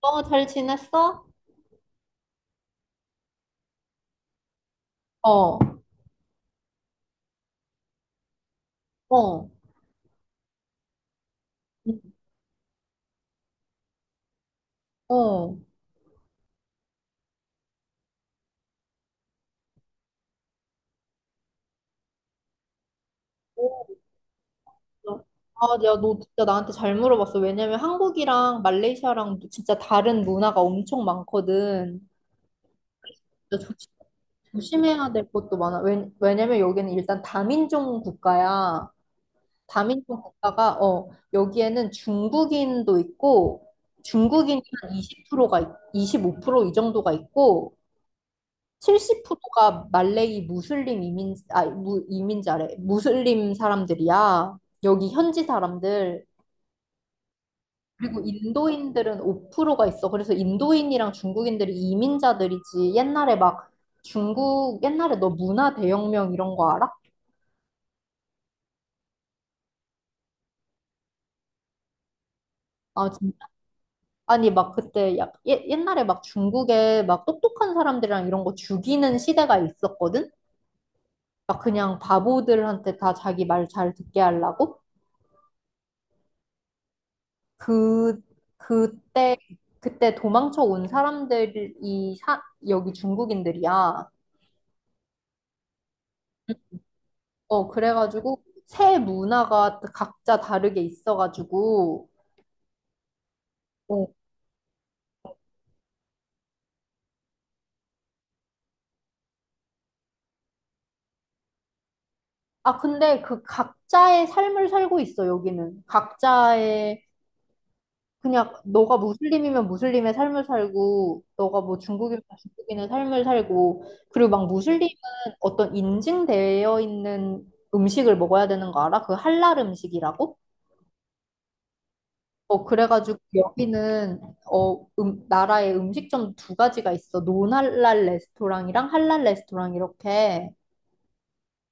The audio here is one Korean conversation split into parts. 어, 잘 지냈어? 어, 어. 어, 아, 야, 너 진짜 나한테 잘 물어봤어. 왜냐면 한국이랑 말레이시아랑 진짜 다른 문화가 엄청 많거든. 진짜 조심, 조심해야 될 것도 많아. 왜냐면 여기는 일단 다민족 국가야. 다민족 국가가, 여기에는 중국인도 있고, 중국인이 한프로가 25%이 정도가 있고, 70%가 말레이 무슬림 이민자래. 무슬림 사람들이야. 여기 현지 사람들. 그리고 인도인들은 5%가 있어. 그래서 인도인이랑 중국인들이 이민자들이지. 옛날에 너 문화 대혁명 이런 거 알아? 아, 진짜? 아니, 막 그때 옛날에 막 중국에 막 똑똑한 사람들이랑 이런 거 죽이는 시대가 있었거든? 막 그냥 바보들한테 다 자기 말 잘 듣게 하려고? 그, 그때, 그때 도망쳐 온 사람들이 여기 중국인들이야. 어, 그래가지고, 새 문화가 각자 다르게 있어가지고, 어. 아, 근데 그 각자의 삶을 살고 있어, 여기는. 각자의, 그냥, 너가 무슬림이면 무슬림의 삶을 살고, 너가 뭐 중국이면 중국인의 삶을 살고, 그리고 막 무슬림은 어떤 인증되어 있는 음식을 먹어야 되는 거 알아? 그 할랄 음식이라고? 어, 그래가지고 여기는 어, 나라의 음식점 두 가지가 있어. 논할랄 레스토랑이랑 할랄 레스토랑 이렇게.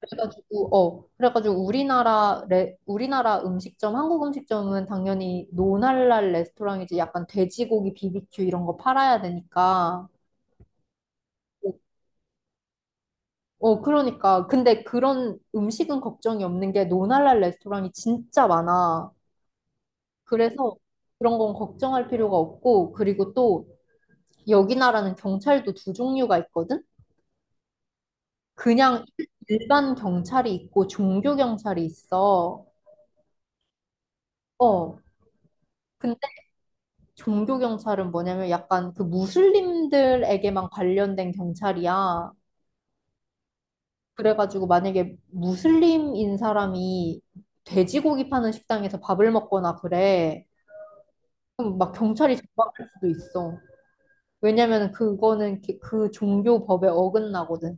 그래가지고 우리나라 음식점, 한국 음식점은 당연히 논할랄 레스토랑이지. 약간 돼지고기 비비큐 이런 거 팔아야 되니까. 어, 어, 그러니까. 근데 그런 음식은 걱정이 없는 게 논할랄 레스토랑이 진짜 많아. 그래서 그런 건 걱정할 필요가 없고, 그리고 또 여기 나라는 경찰도 두 종류가 있거든? 그냥 일반 경찰이 있고 종교 경찰이 있어. 어. 근데 종교 경찰은 뭐냐면 약간 그 무슬림들에게만 관련된 경찰이야. 그래가지고 만약에 무슬림인 사람이 돼지고기 파는 식당에서 밥을 먹거나 그래. 그럼 막 경찰이 잡아갈 수도 있어. 왜냐면 그거는 그 종교 법에 어긋나거든.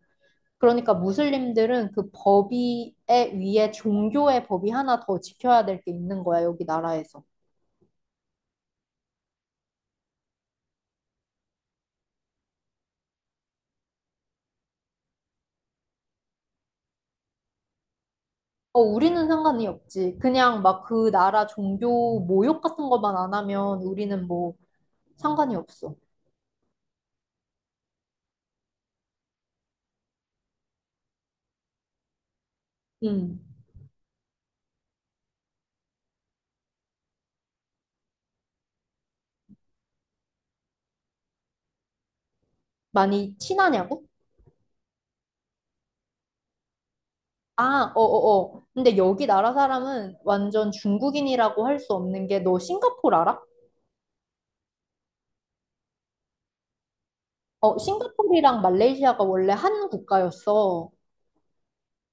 그러니까 무슬림들은 그 법이 위에 종교의 법이 하나 더 지켜야 될 게 있는 거야, 여기 나라에서. 어, 우리는 상관이 없지. 그냥 막 그 나라 종교 모욕 같은 것만 안 하면 우리는 뭐 상관이 없어. 음. 많이 친하냐고? 아, 어어어. 근데 여기 나라 사람은 완전 중국인이라고 할 수 없는 게 너 싱가포르 알아? 어, 싱가포르랑 말레이시아가 원래 한 국가였어.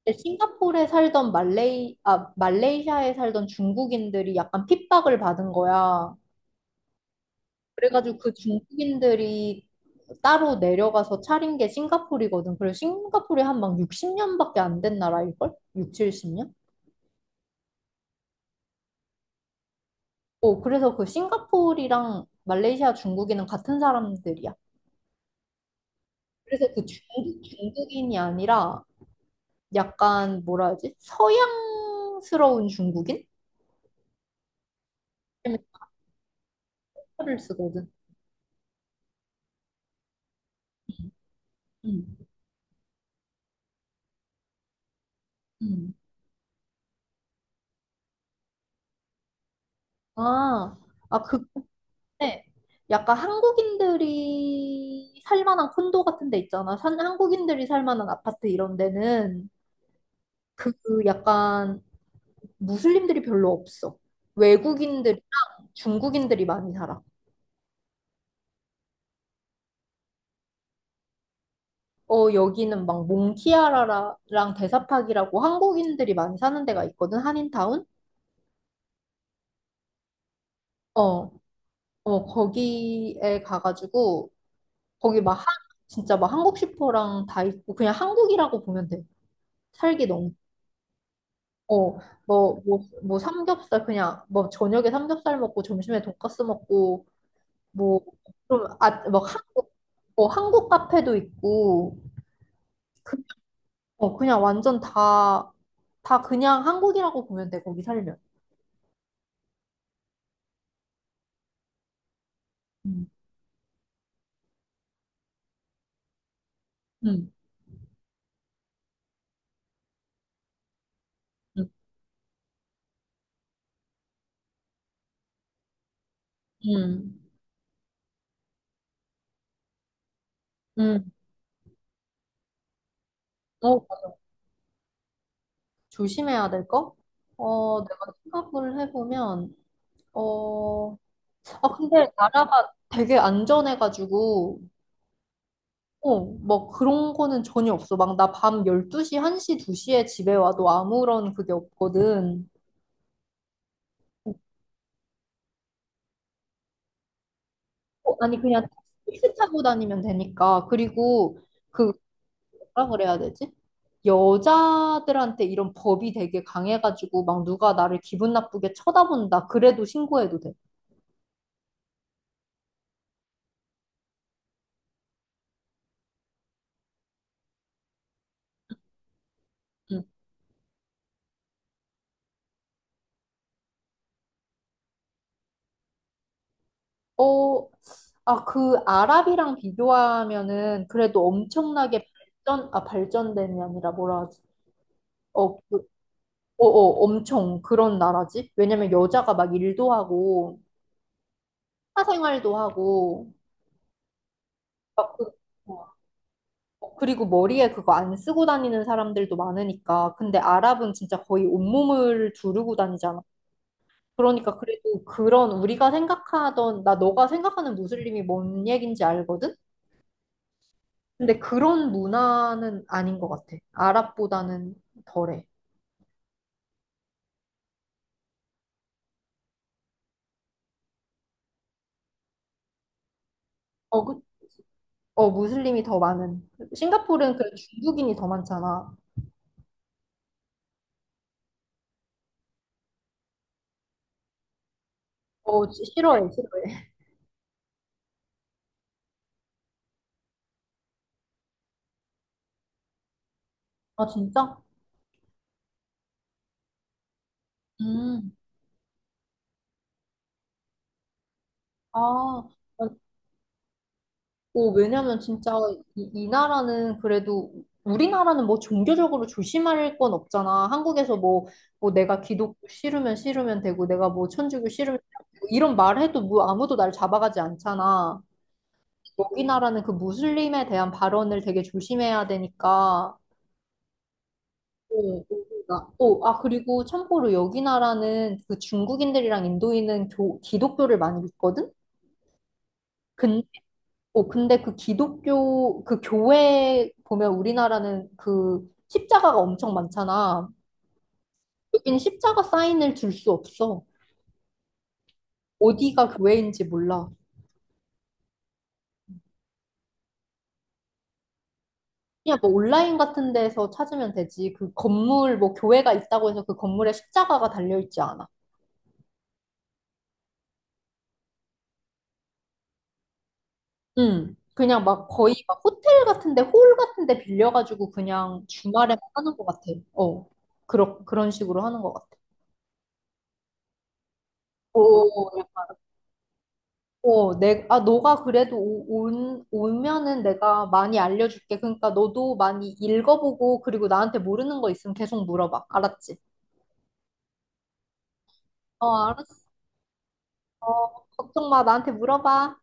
근데 싱가포르에 살던 말레이시아에 살던 중국인들이 약간 핍박을 받은 거야. 그래가지고 그 중국인들이 따로 내려가서 차린 게 싱가포르거든. 그래서 싱가포르에 한 막 60년밖에 안 된 나라일걸? 6, 70년? 어, 그래서 그 싱가포르랑 말레이시아 중국인은 같은 사람들이야. 그래서 중국인이 아니라 약간 뭐라 하지? 서양스러운 중국인? 때문에 를 쓰거든. 음. 음. 아, 그, 네, 약간 한국인들이 살만한 콘도 같은 데 있잖아. 한국인들이 살만한 아파트 이런 데는 그 약간 무슬림들이 별로 없어. 외국인들이, 중국인들이 많이 살아. 어, 여기는 막 몽키아라랑 대사팍이라고 한국인들이 많이 사는 데가 있거든, 한인타운? 어, 어, 거기에 가가지고, 거기 막 진짜 막 한국 슈퍼랑 다 있고, 그냥 한국이라고 보면 돼. 살기 너무. 어, 뭐 삼겹살 그냥 뭐 저녁에 삼겹살 먹고 점심에 돈까스 먹고 뭐 좀 뭐 한국 카페도 있고 그, 그냥 완전 다 그냥 한국이라고 보면 돼 거기 살면. 음, 음, 음, 음, 음. 어, 조심해야 될 거? 어, 내가 생각을 해보면 어, 아 근데 나라가 되게 안전해가지고. 어, 뭐 그런 거는 전혀 없어. 막 나 밤 12시, 1시, 2시에 집에 와도 아무런 그게 없거든. 어, 아니 그냥 택시 타고 다니면 되니까. 그리고 그 뭐라 그래야 되지? 여자들한테 이런 법이 되게 강해가지고 막 누가 나를 기분 나쁘게 쳐다본다. 그래도 신고해도 돼. 응. 어, 아, 그 아랍이랑 비교하면은 그래도 엄청나게 발전됨이 아니라 뭐라 하지? 어, 그 엄청 그런 나라지. 왜냐면 여자가 막 일도 하고, 사생활도 하고, 막 그리고 머리에 그거 안 쓰고 다니는 사람들도 많으니까. 근데 아랍은 진짜 거의 온몸을 두르고 다니잖아. 그러니까 그래도 그런 우리가 생각하던, 나 너가 생각하는 무슬림이 뭔 얘긴지 알거든? 근데 그런 문화는 아닌 것 같아. 아랍보다는 덜해. 어, 그, 무슬림이 더 많은. 싱가포르는 그 중국인이 더 많잖아. 어, 싫어해, 싫어해. 아, 진짜? 음. 아, 어, 왜냐면 진짜 이 나라는 그래도 우리나라는 뭐 종교적으로 조심할 건 없잖아. 한국에서 뭐 내가 기독교 싫으면 되고 내가 뭐 천주교 싫으면 되고 이런 말 해도 뭐 아무도 날 잡아가지 않잖아. 여기 나라는 그 무슬림에 대한 발언을 되게 조심해야 되니까. 오 나- 오, 아, 그리고 참고로 여기 나라는 그 중국인들이랑 인도인은 기독교를 많이 믿거든? 어, 근데 그 교회 보면 우리나라는 그 십자가가 엄청 많잖아. 여기는 십자가 사인을 줄 수 없어. 어디가 교회인지 몰라. 그냥 뭐 온라인 같은 데서 찾으면 되지. 그 건물, 뭐 교회가 있다고 해서 그 건물에 십자가가 달려있지 않아. 응. 그냥 막 거의 막 호텔 같은 데, 홀 같은 데 빌려가지고 그냥 주말에만 하는 것 같아. 어. 그런 식으로 하는 것 같아. 오, 어, 너가 그래도 오면은 내가 많이 알려줄게. 그러니까 너도 많이 읽어보고, 그리고 나한테 모르는 거 있으면 계속 물어봐. 알았지? 어, 알았어. 어, 걱정 마. 나한테 물어봐.